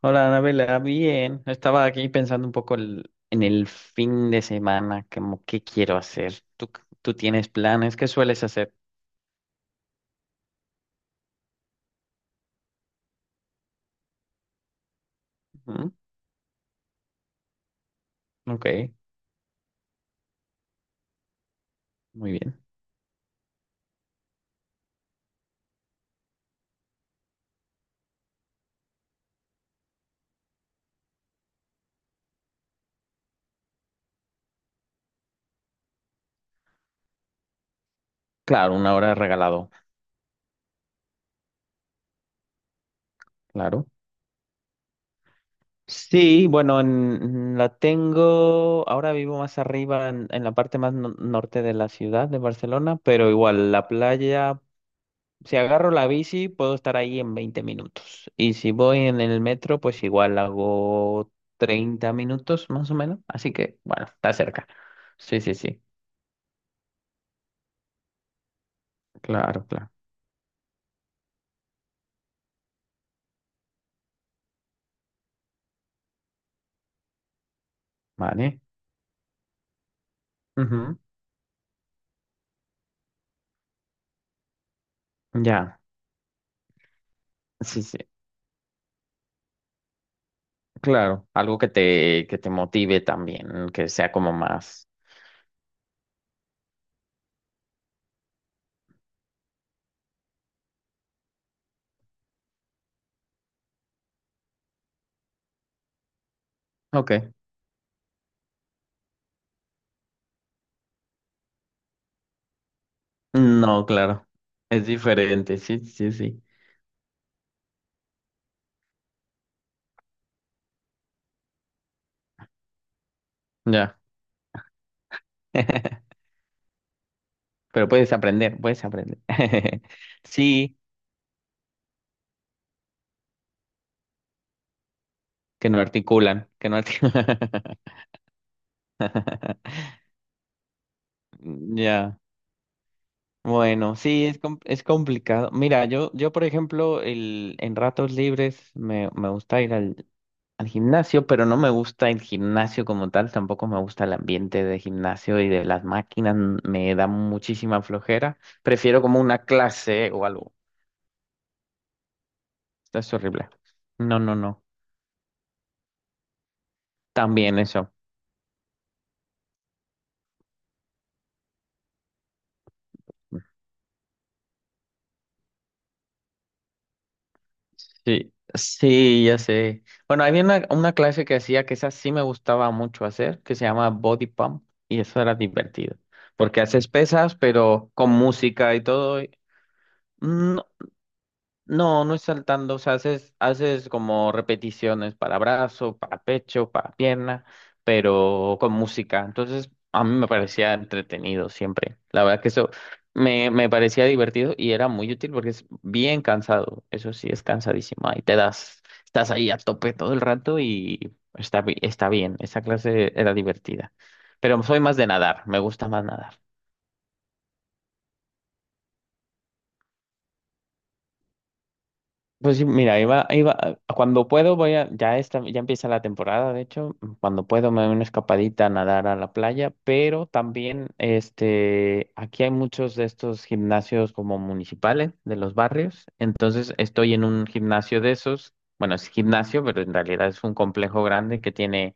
Hola, Anabela, bien. Estaba aquí pensando un poco en el fin de semana, como qué quiero hacer. ¿Tú tienes planes? ¿Qué sueles hacer? ¿Mm? Ok, muy bien. Claro, una hora regalado, claro. Sí, bueno, la tengo, ahora vivo más arriba, en la parte más norte de la ciudad de Barcelona, pero igual la playa. Si agarro la bici, puedo estar ahí en 20 minutos. Y si voy en el metro, pues igual hago 30 minutos más o menos. Así que, bueno, está cerca. Sí, sí, sí. Claro, claro. Vale. Ujú. Ya. Sí, sí. Claro. Algo que te motive también, que sea como más. Ok. No, claro. Es diferente. Sí, sí, sí. Ya. Pero puedes aprender, puedes aprender. Sí, que no articulan, que no articulan. Mm, ya, bueno, sí, es complicado. Mira, yo, por ejemplo, en ratos libres me gusta ir al gimnasio, pero no me gusta el gimnasio como tal, tampoco me gusta el ambiente de gimnasio y de las máquinas, me da muchísima flojera. Prefiero como una clase o algo. Esto es horrible. No, no, no. También eso. Sí, sí, ya sé. Bueno, había una clase que hacía que esa sí me gustaba mucho hacer, que se llama Body Pump, y eso era divertido, porque haces pesas, pero con música y todo. Mm, no, no es saltando, o sea, haces como repeticiones para brazo, para pecho, para pierna, pero con música. Entonces, a mí me parecía entretenido siempre. La verdad que eso me parecía divertido y era muy útil porque es bien cansado. Eso sí, es cansadísimo. Ahí te das, estás ahí a tope todo el rato y está bien. Esa clase era divertida. Pero soy más de nadar, me gusta más nadar. Pues sí, mira, iba, cuando puedo voy a, ya esta, ya empieza la temporada, de hecho, cuando puedo me doy una escapadita a nadar a la playa, pero también, aquí hay muchos de estos gimnasios como municipales de los barrios, entonces estoy en un gimnasio de esos, bueno, es gimnasio, pero en realidad es un complejo grande que tiene,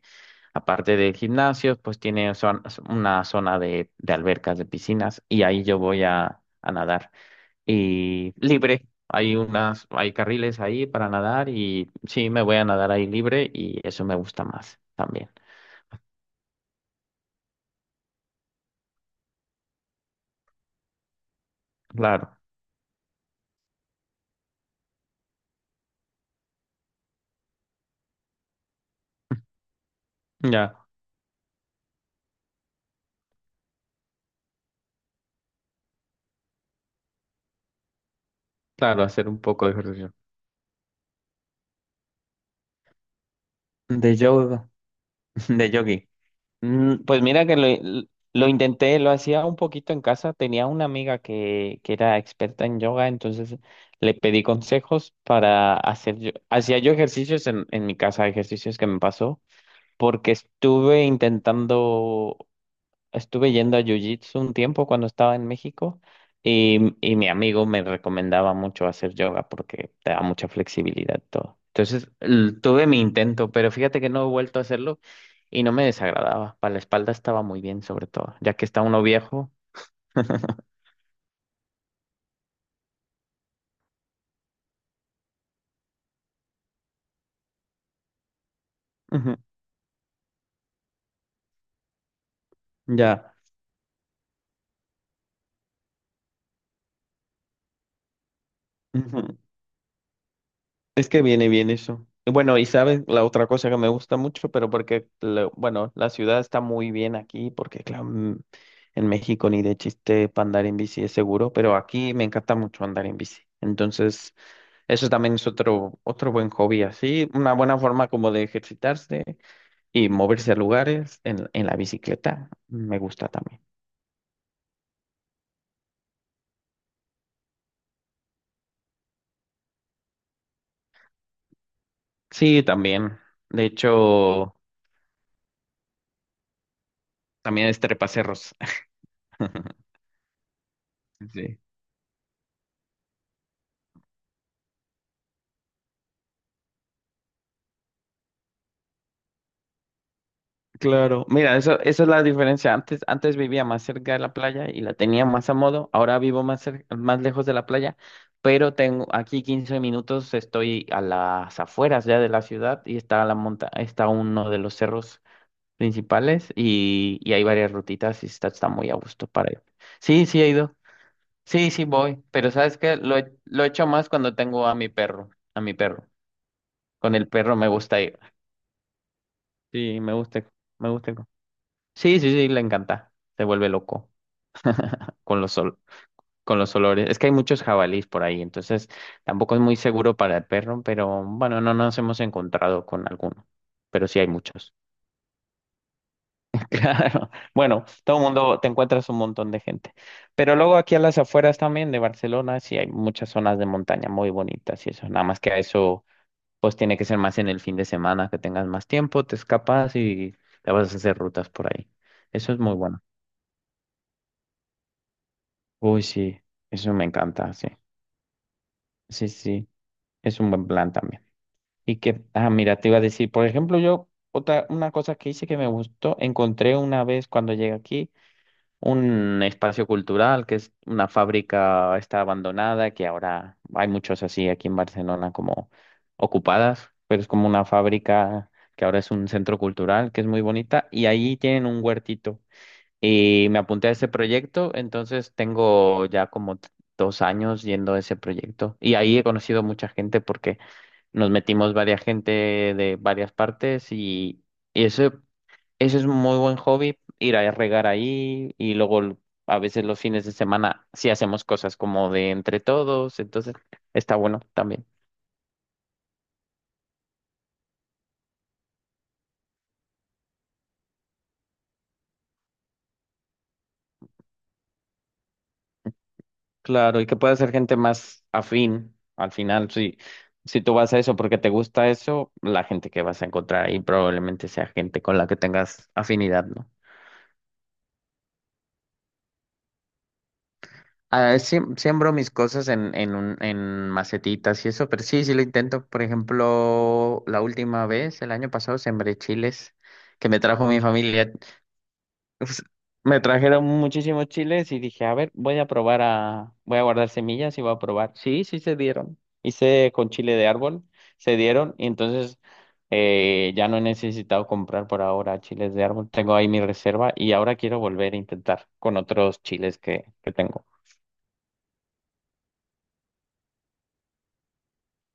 aparte de gimnasios, pues tiene una zona de albercas, de piscinas, y ahí yo voy a nadar y libre. Hay carriles ahí para nadar y sí, me voy a nadar ahí libre y eso me gusta más también. Claro, ya, claro, hacer un poco de ejercicio. De yoga, de yogi. Pues mira que lo intenté, lo hacía un poquito en casa. Tenía una amiga que era experta en yoga, entonces le pedí consejos hacía yo ejercicios en mi casa, ejercicios que me pasó, porque estuve intentando. Estuve yendo a Jiu-Jitsu un tiempo cuando estaba en México y mi amigo me recomendaba mucho hacer yoga porque te da mucha flexibilidad y todo. Entonces tuve mi intento, pero fíjate que no he vuelto a hacerlo y no me desagradaba. Para la espalda estaba muy bien, sobre todo, ya que está uno viejo. Ujú. Ya. Es que viene bien eso. Y bueno, y sabes, la otra cosa que me gusta mucho, pero porque, bueno, la ciudad está muy bien aquí, porque claro, en México ni de chiste para andar en bici es seguro, pero aquí me encanta mucho andar en bici. Entonces, eso también es otro buen hobby, así, una buena forma como de ejercitarse y moverse a lugares en la bicicleta. Me gusta también. Sí, también. De hecho, también es trepacerros. Sí. Claro, mira, eso, esa es la diferencia. Antes vivía más cerca de la playa y la tenía más a modo. Ahora vivo más más lejos de la playa, pero tengo aquí 15 minutos, estoy a las afueras ya de la ciudad y está está uno de los cerros principales y hay varias rutitas y está muy a gusto para ir. Sí, sí he ido. Sí, sí voy, pero ¿sabes qué? Lo he hecho más cuando tengo a mi perro, a mi perro. Con el perro me gusta ir. Sí, me gusta, me gusta. Sí, sí, sí, le encanta. Se vuelve loco con los sol, con los olores. Es que hay muchos jabalís por ahí, entonces tampoco es muy seguro para el perro, pero bueno, no nos hemos encontrado con alguno. Pero sí hay muchos. Claro. Bueno, todo el mundo, te encuentras un montón de gente. Pero luego aquí a las afueras también de Barcelona, sí hay muchas zonas de montaña muy bonitas y eso. Nada más que a eso, pues tiene que ser más en el fin de semana, que tengas más tiempo, te escapas y te vas a hacer rutas por ahí. Eso es muy bueno. Uy, sí, eso me encanta, sí. Sí, sí, es un buen plan también. Ah, mira, te iba a decir, por ejemplo, una cosa que hice que me gustó, encontré una vez cuando llegué aquí un espacio cultural que es una fábrica, está abandonada, que ahora hay muchos así aquí en Barcelona como ocupadas, pero es como una fábrica que ahora es un centro cultural, que es muy bonita, y ahí tienen un huertito. Y me apunté a ese proyecto, entonces tengo ya como 2 años yendo a ese proyecto. Y ahí he conocido mucha gente porque nos metimos varias gente de varias partes y eso, es un muy buen hobby, ir a regar ahí y luego a veces los fines de semana sí hacemos cosas como de entre todos, entonces está bueno también. Claro, y que pueda ser gente más afín al final, si tú vas a eso porque te gusta eso, la gente que vas a encontrar ahí probablemente sea gente con la que tengas afinidad, ¿no? Ah, siembro mis cosas en macetitas y eso, pero sí, sí lo intento. Por ejemplo, la última vez, el año pasado, sembré chiles que me trajo mi familia pues, me trajeron muchísimos chiles y dije, a ver, voy a guardar semillas y voy a probar. Sí, sí se dieron. Hice con chile de árbol, se dieron y entonces ya no he necesitado comprar por ahora chiles de árbol. Tengo ahí mi reserva y ahora quiero volver a intentar con otros chiles que tengo.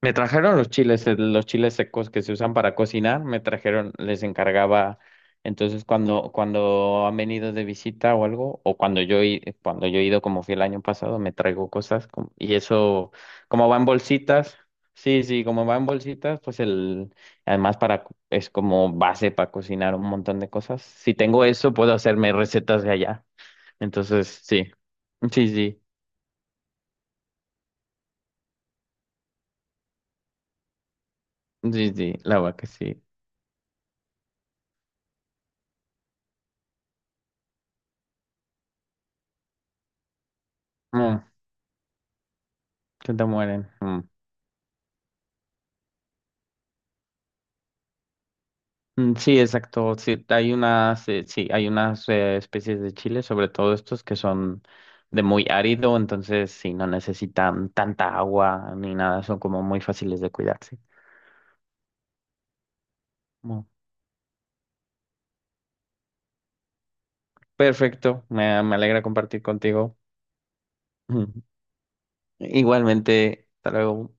Me trajeron los chiles secos que se usan para cocinar, me trajeron, les encargaba. Entonces, cuando han venido de visita o algo, o cuando yo he ido, como fui el año pasado, me traigo cosas. Y eso, como va en bolsitas, sí, sí, como va en bolsitas, pues el, además para, co- es como base para cocinar un montón de cosas. Si tengo eso, puedo hacerme recetas de allá. Entonces, sí, sí, sí, sí, sí, la verdad que sí. Mm, se te mueren. Mm. Mm, sí, exacto. Sí, hay unas especies de chile, sobre todo estos que son de muy árido, entonces sí, no necesitan tanta agua ni nada, son como muy fáciles de cuidar, sí. Mm. Perfecto, me alegra compartir contigo. Igualmente, hasta luego.